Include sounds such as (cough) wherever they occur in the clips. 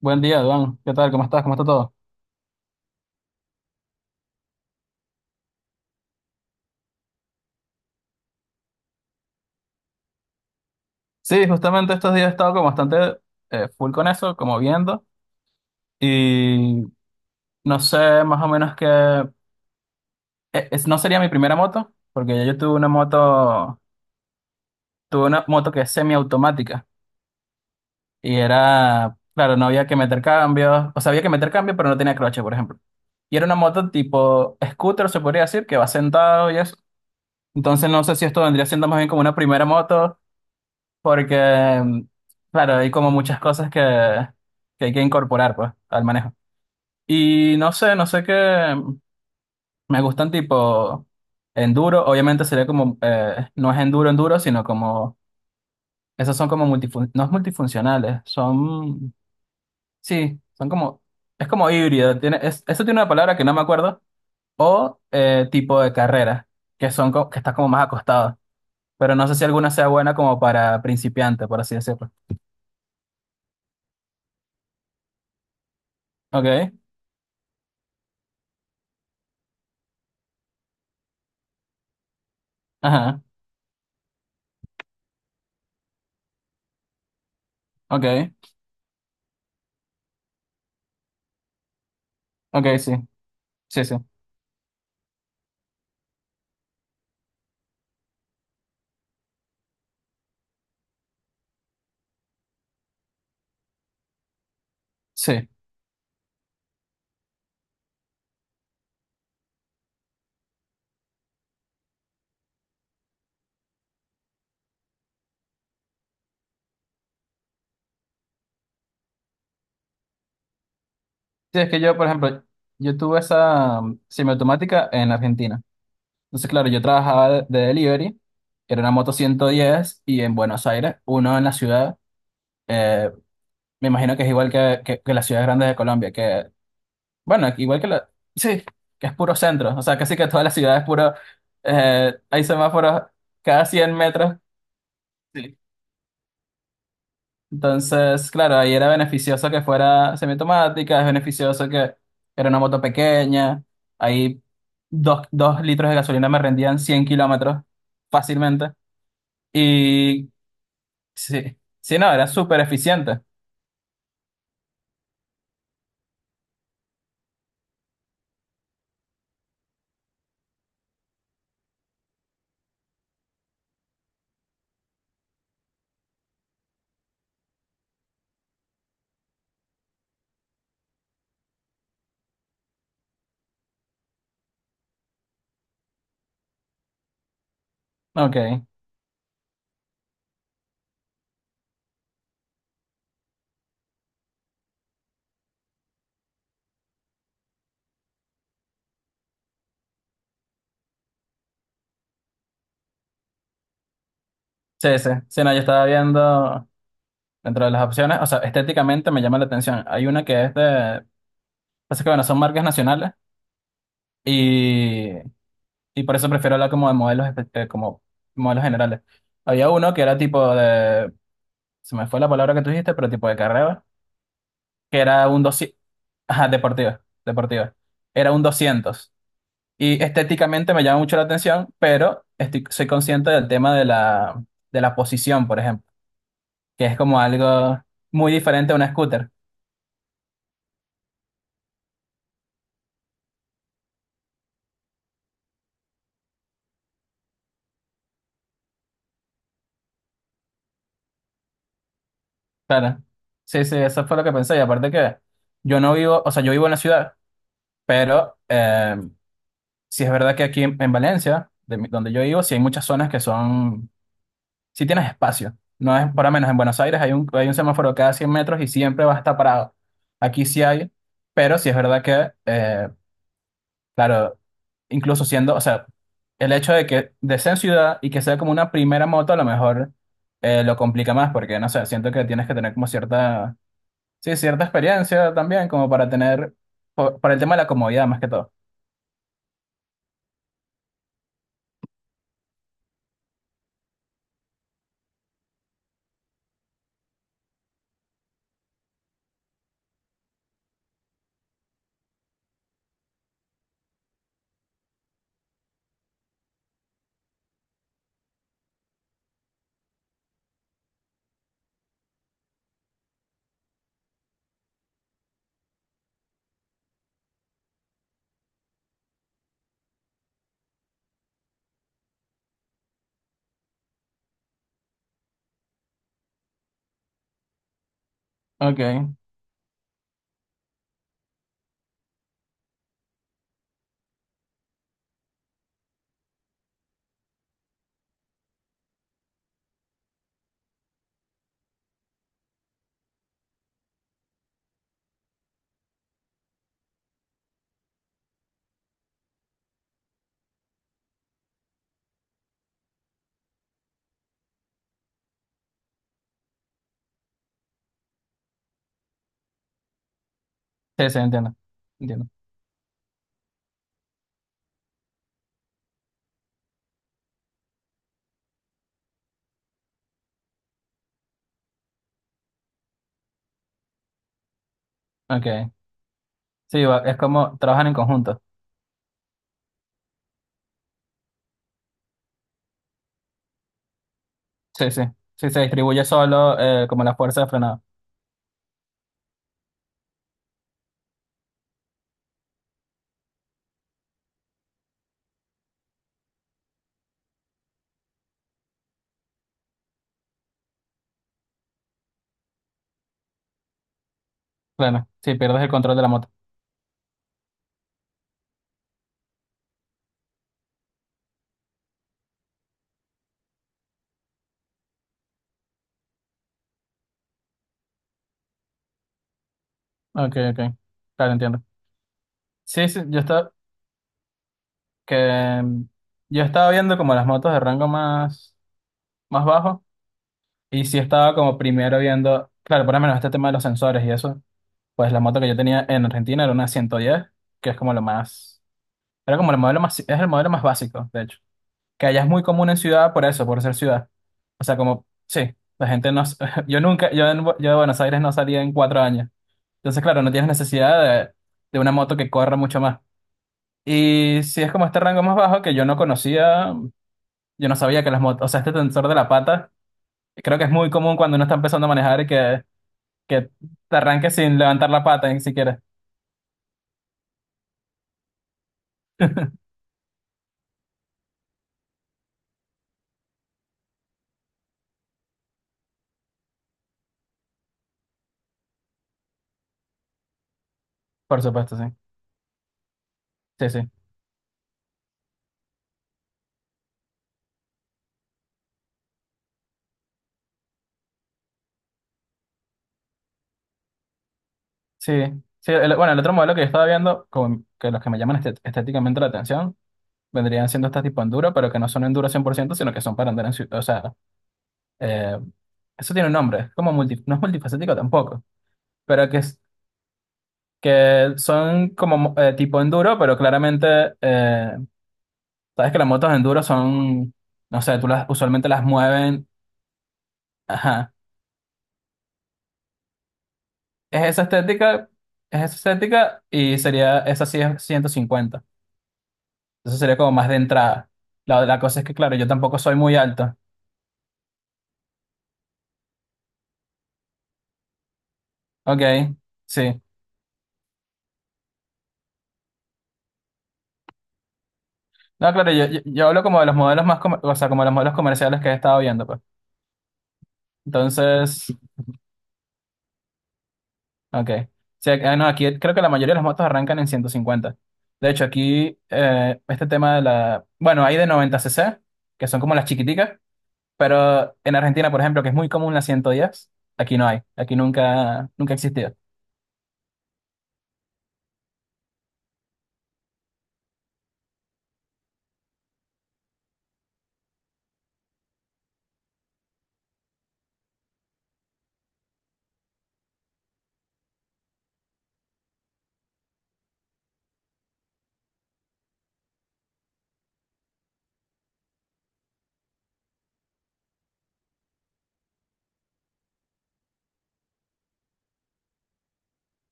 Buen día, Duan. ¿Qué tal? ¿Cómo estás? ¿Cómo está todo? Sí, justamente estos días he estado como bastante full con eso, como viendo. Y no sé más o menos que... no sería mi primera moto, porque ya yo tuve una moto que es semiautomática. Y era, claro, no había que meter cambios. O sea, había que meter cambios, pero no tenía croche, por ejemplo. Y era una moto tipo scooter, se podría decir, que va sentado y eso. Entonces no sé si esto vendría siendo más bien como una primera moto. Porque, claro, hay como muchas cosas que hay que incorporar, pues, al manejo. Y no sé, no sé qué me gustan tipo enduro. Obviamente sería como, no es enduro, enduro, sino como, esos son como multifun no es multifuncionales, son, sí, son como, es como híbrido. Eso tiene una palabra que no me acuerdo. O tipo de carrera, que son, que está como más acostado. Pero no sé si alguna sea buena como para principiante, por así decirlo. Ok, ajá, ok. Ok, sí, sí, sí, sí. Sí, es que yo, por ejemplo, yo tuve esa semiautomática en Argentina. Entonces, claro, yo trabajaba de delivery, era una moto 110 y en Buenos Aires, uno en la ciudad, eh, me imagino que es igual que las ciudades grandes de Colombia, que, bueno, igual que la, sí, que es puro centro, o sea, casi que toda la ciudad es puro, hay semáforos cada 100 metros. Entonces, claro, ahí era beneficioso que fuera semiautomática, es beneficioso que era una moto pequeña, ahí dos litros de gasolina me rendían 100 kilómetros fácilmente. Y sí, sí, no, era súper eficiente. Ok, sí, sí, sí, no, yo estaba viendo dentro de las opciones, o sea, estéticamente me llama la atención. Hay una que es de, pasa que bueno, son marcas nacionales y, y por eso prefiero hablar como de modelos, como modelos generales. Había uno que era tipo de, se me fue la palabra que tú dijiste, pero tipo de carrera, que era un 200, ajá, deportiva, deportiva, era un 200. Y estéticamente me llama mucho la atención, pero soy consciente del tema de la posición, por ejemplo, que es como algo muy diferente a una scooter. Claro. Sí, sí, eso fue lo que pensé. Y aparte que yo no vivo, o sea, yo vivo en la ciudad, pero sí es verdad que aquí en Valencia, donde yo vivo, sí hay muchas zonas que son si tienes espacio. No es, por lo menos en Buenos Aires hay un semáforo cada 100 metros y siempre va a estar parado. Aquí sí hay, pero sí es verdad que, claro, incluso siendo, o sea, el hecho de que de ser en ciudad y que sea como una primera moto, a lo mejor lo complica más, porque no sé, siento que tienes que tener como cierta, sí, cierta experiencia también, como para tener, para el tema de la comodidad más que todo. Ok, sí, sí, entiendo. Entiendo. Ok. Sí, es como trabajan en conjunto. Sí, sí. Si se distribuye solo, como la fuerza de frenado. Claro, si pierdes el control de la moto. Ok, ok. Claro, entiendo. Sí, sí, yo estaba, que, yo estaba viendo como las motos de rango más bajo. Y sí estaba como primero viendo, claro, por lo menos este tema de los sensores y eso. Pues la moto que yo tenía en Argentina era una 110, que es como lo más, era como el modelo más, es el modelo más básico, de hecho. Que allá es muy común en ciudad por eso, por ser ciudad. O sea, como, sí, la gente no... (laughs) Yo nunca, yo, en Bu- yo de Buenos Aires no salía en 4 años. Entonces, claro, no tienes necesidad de, de una moto que corra mucho más. Y si es como este rango más bajo que yo no conocía, yo no sabía que las motos, o sea, este tensor de la pata, creo que es muy común cuando uno está empezando a manejar y que te arranques sin levantar la pata ni siquiera. Por supuesto, sí. Sí, sí. Sí, sí. Bueno, el otro modelo que yo estaba viendo, como que los que me llaman estéticamente la atención. Vendrían siendo estas tipo enduro, pero que no son enduro 100% sino que son para andar en ciudad. O sea, eh, eso tiene un nombre, es como no es multifacético tampoco, pero que, que son como tipo enduro, pero claramente, sabes que las motos enduro son, no sé, tú las usualmente las mueven, ajá, es esa estética, esa sí es 150, entonces sería como más de entrada. La cosa es que, claro, yo tampoco soy muy alto, ok, sí. No, claro, yo hablo como de los modelos más, o sea, como de los modelos comerciales que he estado viendo, pues. Entonces, ok. Sí, ah, no, aquí creo que la mayoría de las motos arrancan en 150. De hecho, aquí este tema de la... Bueno, hay de 90 cc que son como las chiquiticas, pero en Argentina, por ejemplo, que es muy común la 110 aquí no hay. Aquí nunca, nunca ha existido.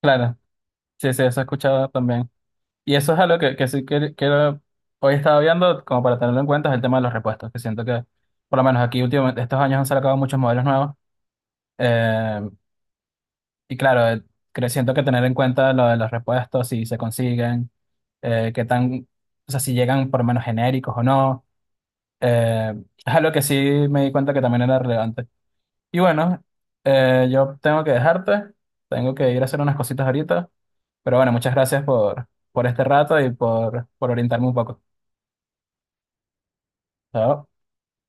Claro, sí, sí, eso he escuchado también. Y eso es algo que sí que hoy estaba viendo, como para tenerlo en cuenta, es el tema de los repuestos, que siento que, por lo menos aquí últimamente, estos años han sacado muchos modelos nuevos. Eh, y claro, creo, siento que tener en cuenta lo de los repuestos, si se consiguen, qué tan, o sea, si llegan por lo menos genéricos o no, eh, es algo que sí me di cuenta que también era relevante. Y bueno, yo tengo que dejarte, tengo que ir a hacer unas cositas ahorita, pero bueno, muchas gracias por este rato y por orientarme un poco. Chao.